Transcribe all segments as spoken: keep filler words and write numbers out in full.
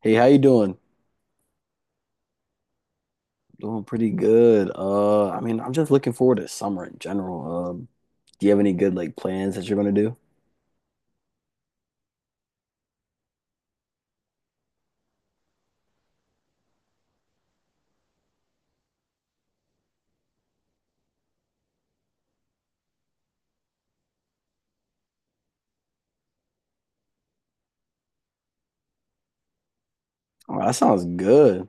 Hey, how you doing? Doing pretty good. Uh, I mean, I'm just looking forward to summer in general. Um, do you have any good like plans that you're gonna do? Oh, that sounds good.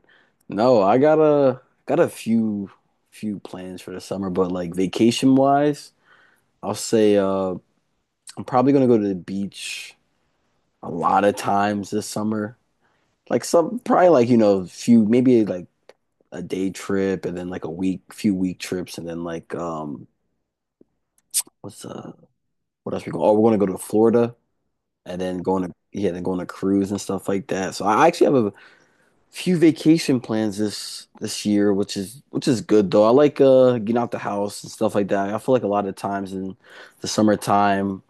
No, I got a got a few few plans for the summer, but like vacation wise, I'll say uh I'm probably gonna go to the beach a lot of times this summer. Like some probably like, you know, few maybe like a day trip and then like a week, few week trips and then like um what's uh what else we go? Oh, we're gonna go to Florida and then going to yeah, then going to cruise and stuff like that. So I actually have a few vacation plans this this year, which is which is good though. I like uh getting out the house and stuff like that. I feel like a lot of times in the summertime,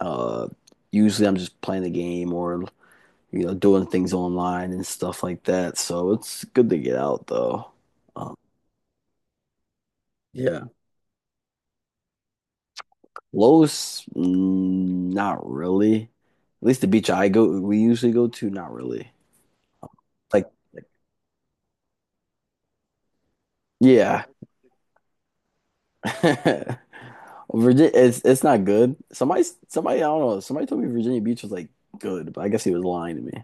uh, usually I'm just playing the game or you know doing things online and stuff like that. So it's good to get out though. Um, yeah, Los, mm, not really. At least the beach I go we usually go to, not really. Like yeah, Virginia, it's it's not good. Somebody, somebody, I don't know. Somebody told me Virginia Beach was like good, but I guess he was lying to me.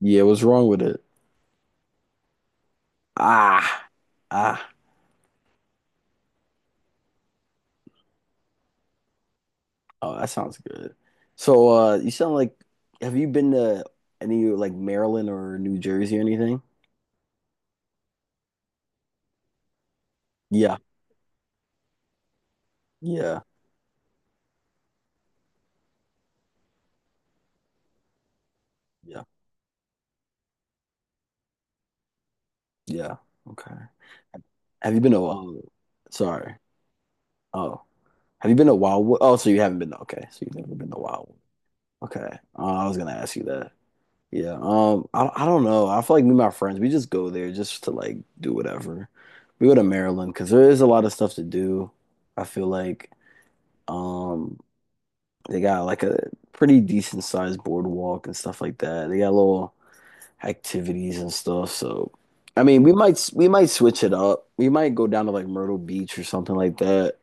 Yeah, what's wrong with it? Ah, ah. Oh, that sounds good. So, uh, you sound like, have you been to any like Maryland or New Jersey or anything? Yeah, yeah, yeah, yeah. Okay. Have you been to? Oh, sorry. Oh, have you been to Wildwood? Oh, so you haven't been. Okay, so you've never been to Wildwood. Okay. Uh, I was gonna ask you that. Yeah. Um, I I don't know. I feel like me and my friends, we just go there just to like do whatever. We go to Maryland because there is a lot of stuff to do. I feel like um they got like a pretty decent sized boardwalk and stuff like that. They got little activities and stuff. So I mean, we might we might switch it up. We might go down to like Myrtle Beach or something like that.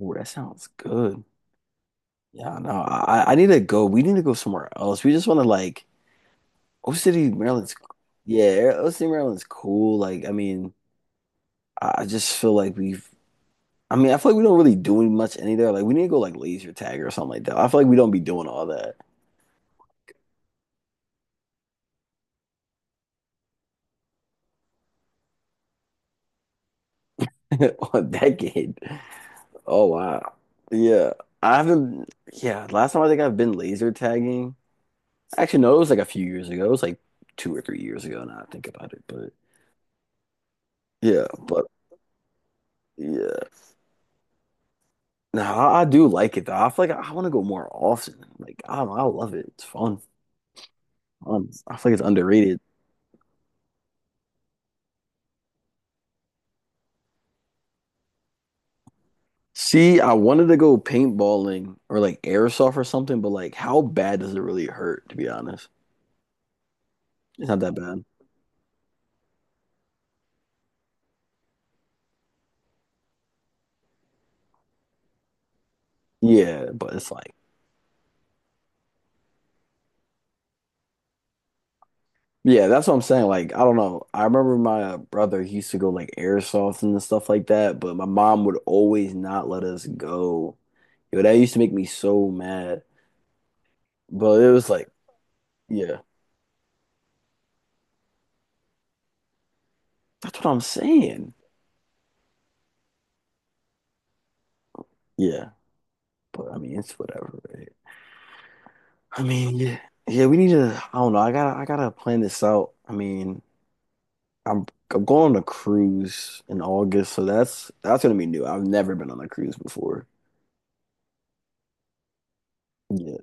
Oh, that sounds good. Yeah, no, I I need to go. We need to go somewhere else. We just want to like O City, Maryland's yeah, O City, Maryland's cool. Like, I mean, I I just feel like we've I mean, I feel like we don't really do much any there. Like we need to go like laser tag or something like that. I feel like we don't be doing all that on that game. Oh wow. Yeah. I haven't yeah, last time I think I've been laser tagging. Actually, no, it was like a few years ago. It was like two or three years ago now I think about it. But yeah, but yeah. No, I, I do like it though. I feel like I, want to go more often. Like I, I love it. It's fun. Um, I feel like it's underrated. See, I wanted to go paintballing or like airsoft or something, but like, how bad does it really hurt, to be honest? It's not that bad. Yeah, but it's like, yeah, that's what I'm saying. Like, I don't know. I remember my uh, brother he used to go like airsoft and stuff like that, but my mom would always not let us go. Yo, that used to make me so mad. But it was like, yeah, that's what I'm saying. Yeah, but I mean, it's whatever, right? I mean, yeah, yeah, we need to. I don't know. I gotta, I gotta plan this out. I mean, I'm, I'm going on a cruise in August, so that's that's gonna be new. I've never been on a cruise before. Yeah,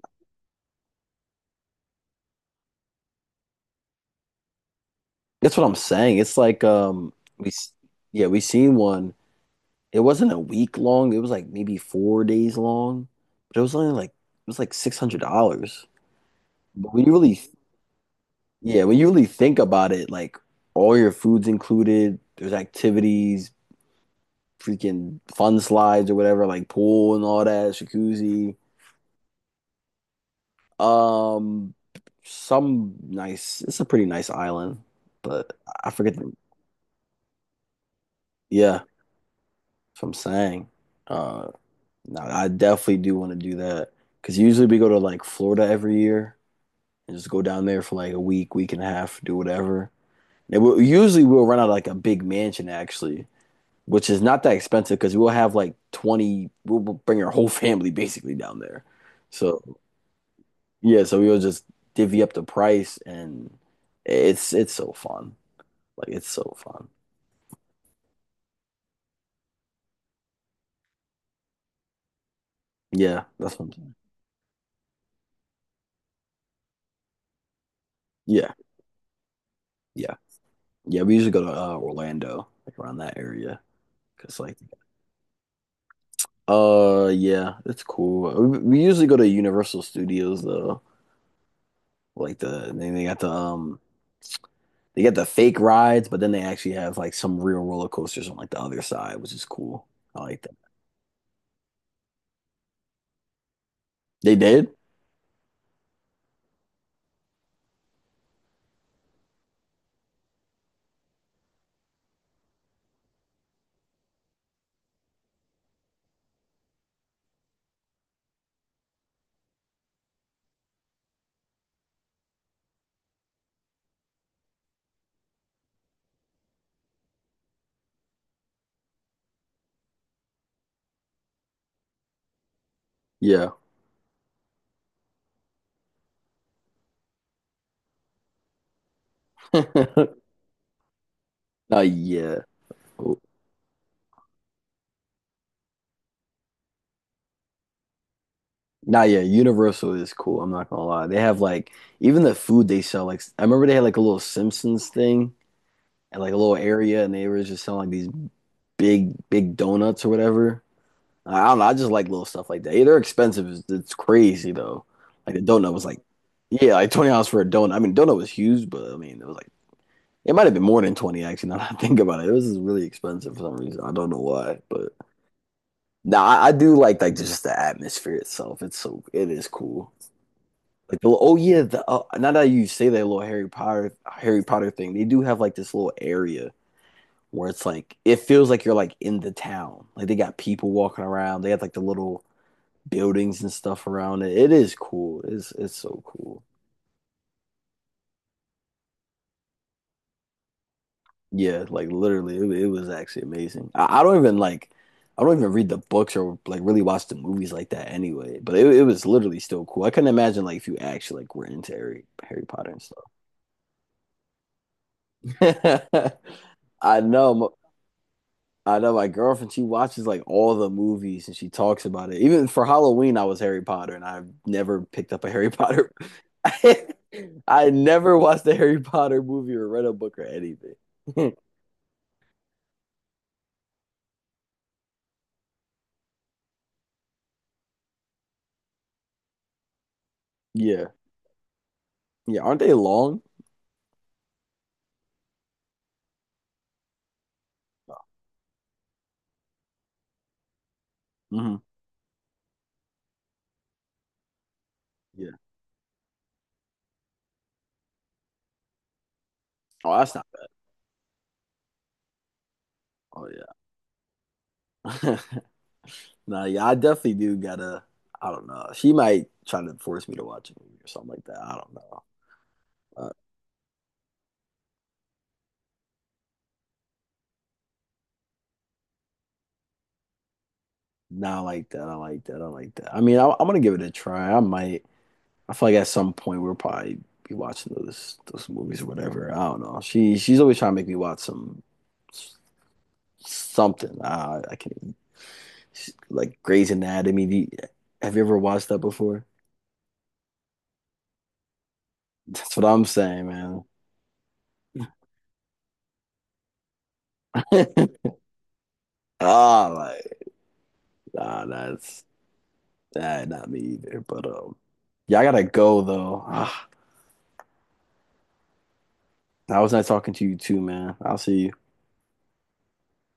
that's what I'm saying. It's like, um, we, s- yeah, we seen one. It wasn't a week long. It was like maybe four days long, but it was only like it was like six hundred dollars. But when you really, yeah, when you really think about it, like all your food's included. There's activities, freaking fun slides or whatever, like pool and all that, jacuzzi. Um, some nice. It's a pretty nice island, but I forget. The, yeah, that's what I'm saying. Uh, no, I definitely do want to do that because usually we go to like Florida every year and just go down there for like a week, week and a half, do whatever. And we'll, usually we'll rent out like a big mansion actually, which is not that expensive because we'll have like twenty, we'll we'll bring our whole family basically down there. So yeah, so we will just divvy up the price and it's it's so fun. Like it's so fun. Yeah, that's what I'm saying. Yeah, yeah. Yeah, we usually go to uh, Orlando, like around that area, cause like uh yeah, it's cool. We, we usually go to Universal Studios though. Like the they, they got the um they got the fake rides, but then they actually have like some real roller coasters on like the other side, which is cool. I like that. They did? Yeah. Uh, yeah. Nah, yeah, Universal is cool. I'm not gonna lie. They have like even the food they sell. Like I remember they had like a little Simpsons thing and like a little area, and they were just selling like these big, big donuts or whatever. I I don't know. I just like little stuff like that. Yeah, they're expensive. It's, it's crazy though. Like the donut was like, yeah, like twenty dollars for a donut. I mean, donut was huge, but I mean, it was like it might have been more than twenty actually. Now that I think about it, it was really expensive for some reason. I don't know why, but nah, I, I do like like just the atmosphere itself. It's so it is cool. Like the, oh yeah, the, uh, now that you say that little Harry Potter Harry Potter thing, they do have like this little area where it's like it feels like you're like in the town. Like they got people walking around. They have like the little buildings and stuff around it. It is cool. It's it's so cool. Yeah, like literally, it, it was actually amazing. I, I don't even like I don't even read the books or like really watch the movies like that anyway. But it, it was literally still cool. I couldn't imagine like if you actually like were into Harry Harry Potter and stuff. I know. I know my girlfriend, she watches like all the movies and she talks about it. Even for Halloween, I was Harry Potter and I've never picked up a Harry Potter. I never watched a Harry Potter movie or read a book or anything. Yeah. Yeah. Aren't they long? Hmm. Yeah. Oh, that's not bad. Oh, yeah. Nah, yeah, I definitely do gotta. I don't know. She might try to force me to watch a movie or something like that. I don't know. Uh, nah, I like that. I like that. I like that. I mean, I, I'm gonna give it a try. I might. I feel like at some point we'll probably be watching those those movies or whatever. I don't know. She she's always trying to make me watch some something. I I can't even, like Grey's Anatomy. Do you- have you ever watched that before? That's what I'm saying, man. Ah, like nah, that's that not me either. But um, yeah, I gotta go though. Ah, I was nice talking to you too, man. I'll see you.